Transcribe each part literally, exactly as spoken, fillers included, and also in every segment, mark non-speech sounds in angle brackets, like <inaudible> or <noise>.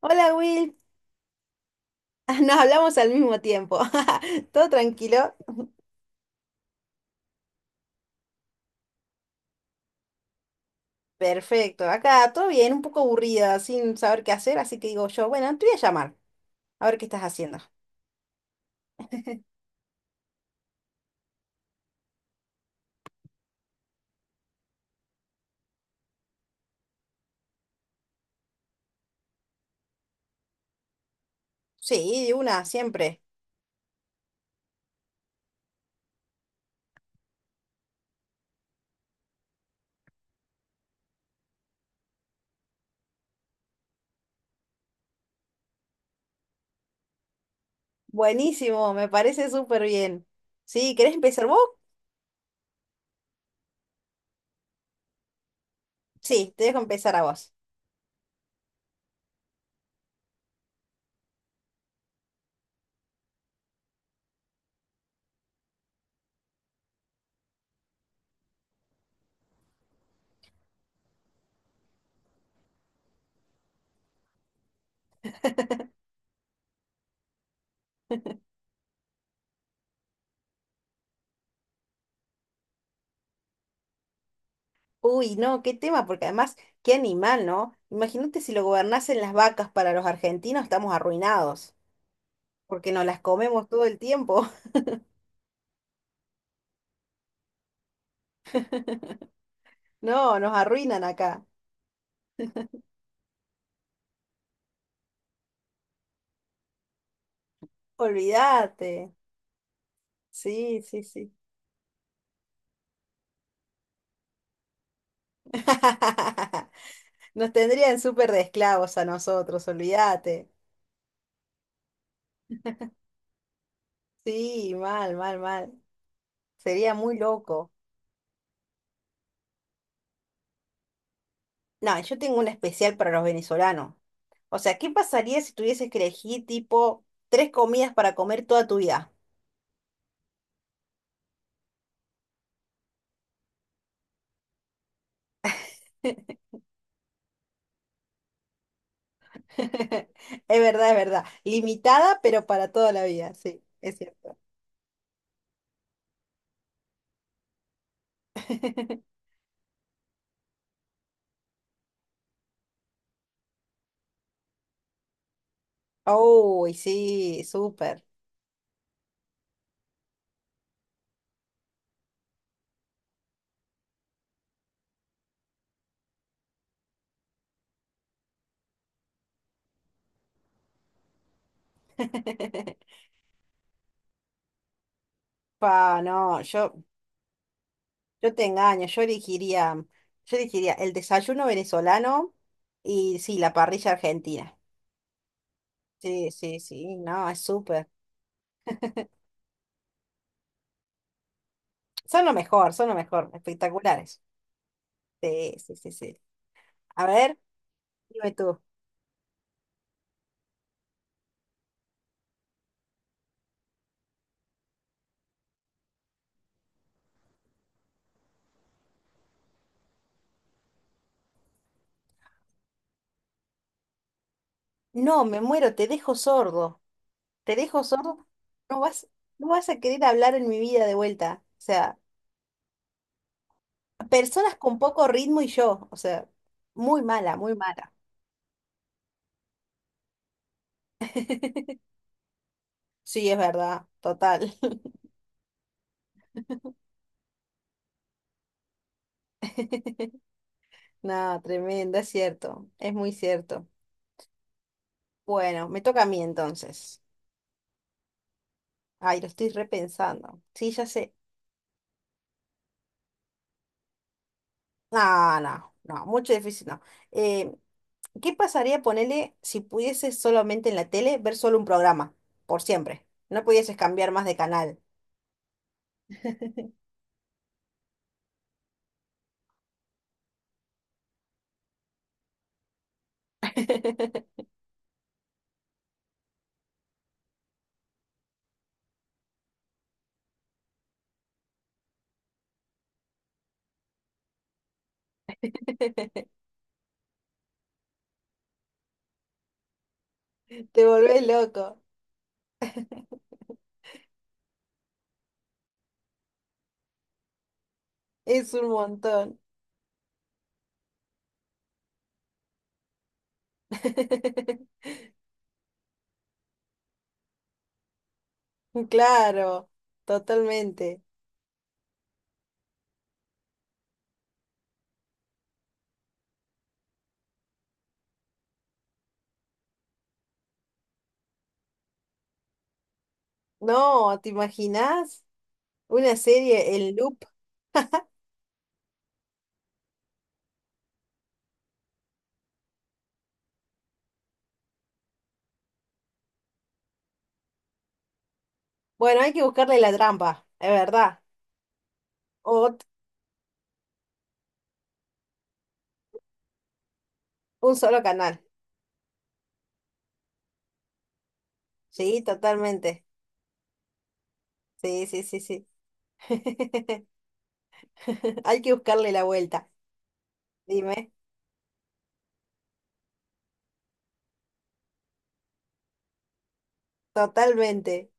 Hola Will, <laughs> nos hablamos al mismo tiempo. <laughs> ¿Todo tranquilo? Perfecto. Acá todo bien, un poco aburrida, sin saber qué hacer, así que digo yo, bueno, te voy a llamar, a ver qué estás haciendo. Sí, de una, siempre. Buenísimo, me parece súper bien. Sí, ¿querés empezar vos? Sí, te dejo empezar a vos. Uy, no, qué tema, porque además, qué animal, ¿no? Imagínate si lo gobernasen las vacas para los argentinos, estamos arruinados, porque nos las comemos todo el tiempo. <laughs> No, nos arruinan acá. Olvídate. Sí, sí, sí. <laughs> Nos tendrían súper de esclavos a nosotros, olvídate. Sí, mal, mal, mal. Sería muy loco. No, yo tengo un especial para los venezolanos. O sea, ¿qué pasaría si tuvieses que elegir tipo tres comidas para comer toda tu vida? <laughs> Es verdad, es verdad. Limitada, pero para toda la vida, sí, es cierto. <laughs> Uy, sí, súper. <laughs> Pa, no, yo Yo te engaño, yo elegiría, yo elegiría el desayuno venezolano y sí, la parrilla argentina. Sí, sí, sí, no, es súper. Son lo mejor, son lo mejor, espectaculares. Sí, sí, sí, sí. A ver, dime tú. No, me muero, te dejo sordo. Te dejo sordo. No vas, no vas a querer hablar en mi vida de vuelta. O sea, personas con poco ritmo y yo. O sea, muy mala, muy mala. <laughs> Sí, es verdad, total. <laughs> No, tremendo, es cierto, es muy cierto. Bueno, me toca a mí entonces. Ay, lo estoy repensando. Sí, ya sé. No, no, no, mucho difícil no. Eh, ¿qué pasaría, ponele, si pudieses solamente en la tele ver solo un programa, por siempre? No pudieses cambiar más de canal. <laughs> Te volvés loco. Es un montón. <laughs> Claro, totalmente. No, ¿te imaginas una serie en loop? Bueno, hay que buscarle la trampa, es verdad. O t- un solo canal. Sí, totalmente. Sí, sí, sí, sí. <laughs> Hay que buscarle la vuelta. Dime, totalmente.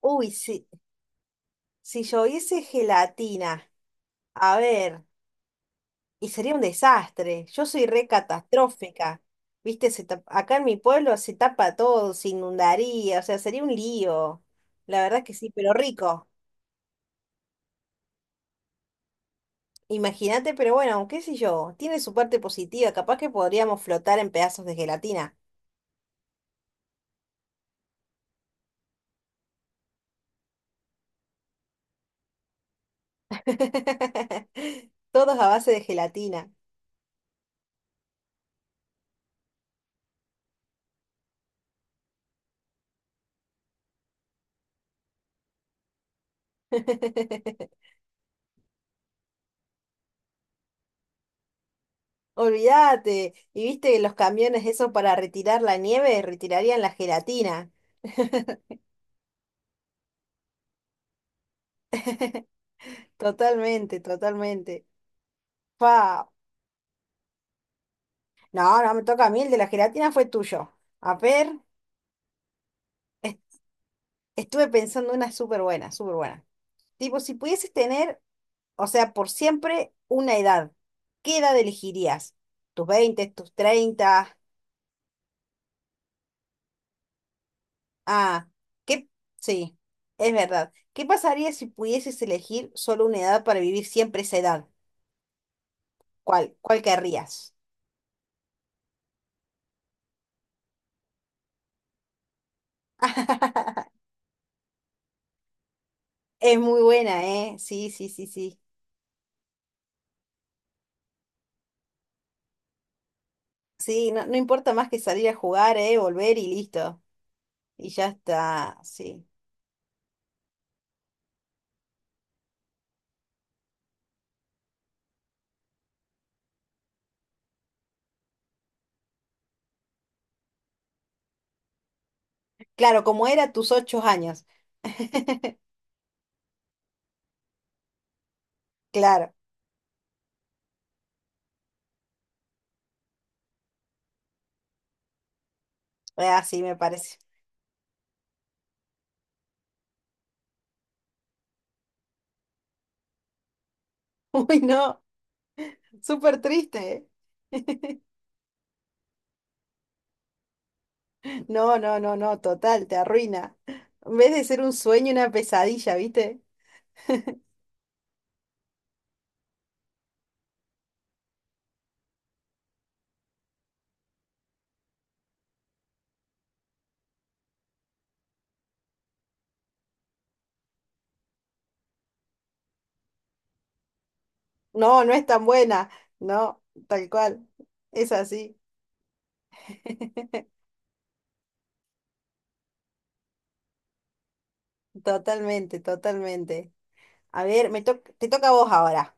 Uy, sí. Si yo hice gelatina, a ver, y sería un desastre. Yo soy re catastrófica. Viste, se tap- acá en mi pueblo se tapa todo, se inundaría, o sea, sería un lío. La verdad que sí, pero rico. Imagínate, pero bueno, qué sé yo, tiene su parte positiva, capaz que podríamos flotar en pedazos de gelatina. <laughs> Todos a base de gelatina. <laughs> Olvídate, y viste que los camiones esos para retirar la nieve retirarían la gelatina. Totalmente, totalmente. Fa. No, no me toca a mí, el de la gelatina fue tuyo. A ver, est- estuve pensando una súper buena, súper buena. Tipo, si pudieses tener, o sea, por siempre una edad. ¿Qué edad elegirías? ¿Tus veinte, tus treinta? Ah, ¿qué? Sí, es verdad. ¿Qué pasaría si pudieses elegir solo una edad para vivir siempre esa edad? ¿Cuál, cuál querrías? <laughs> Es muy buena, ¿eh? Sí, sí, sí, sí. Sí, no, no importa más que salir a jugar, ¿eh? Volver y listo. Y ya está, sí. Claro, como era tus ocho años. <laughs> Claro, así me parece. <laughs> Uy, no, súper triste. ¿Eh? No, no, no, no, total, te arruina. En vez de ser un sueño, una pesadilla, ¿viste? <laughs> No, no es tan buena. No, tal cual. Es así. <laughs> Totalmente, totalmente. A ver, me toc- te toca a vos ahora.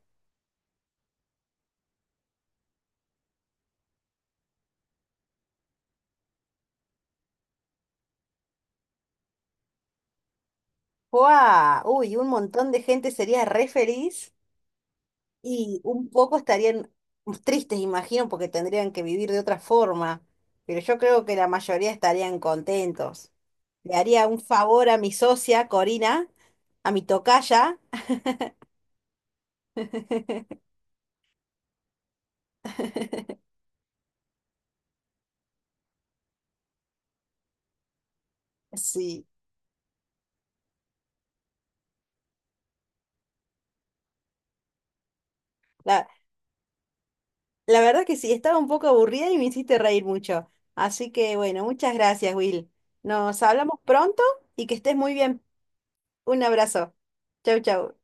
¡Guau! Uy, un montón de gente sería re feliz y un poco estarían tristes, imagino, porque tendrían que vivir de otra forma. Pero yo creo que la mayoría estarían contentos. Le haría un favor a mi socia, Corina, a mi tocaya. <laughs> Sí, la, la verdad que sí, estaba un poco aburrida y me hiciste reír mucho. Así que bueno, muchas gracias, Will. Nos hablamos pronto y que estés muy bien. Un abrazo. Chau, chau.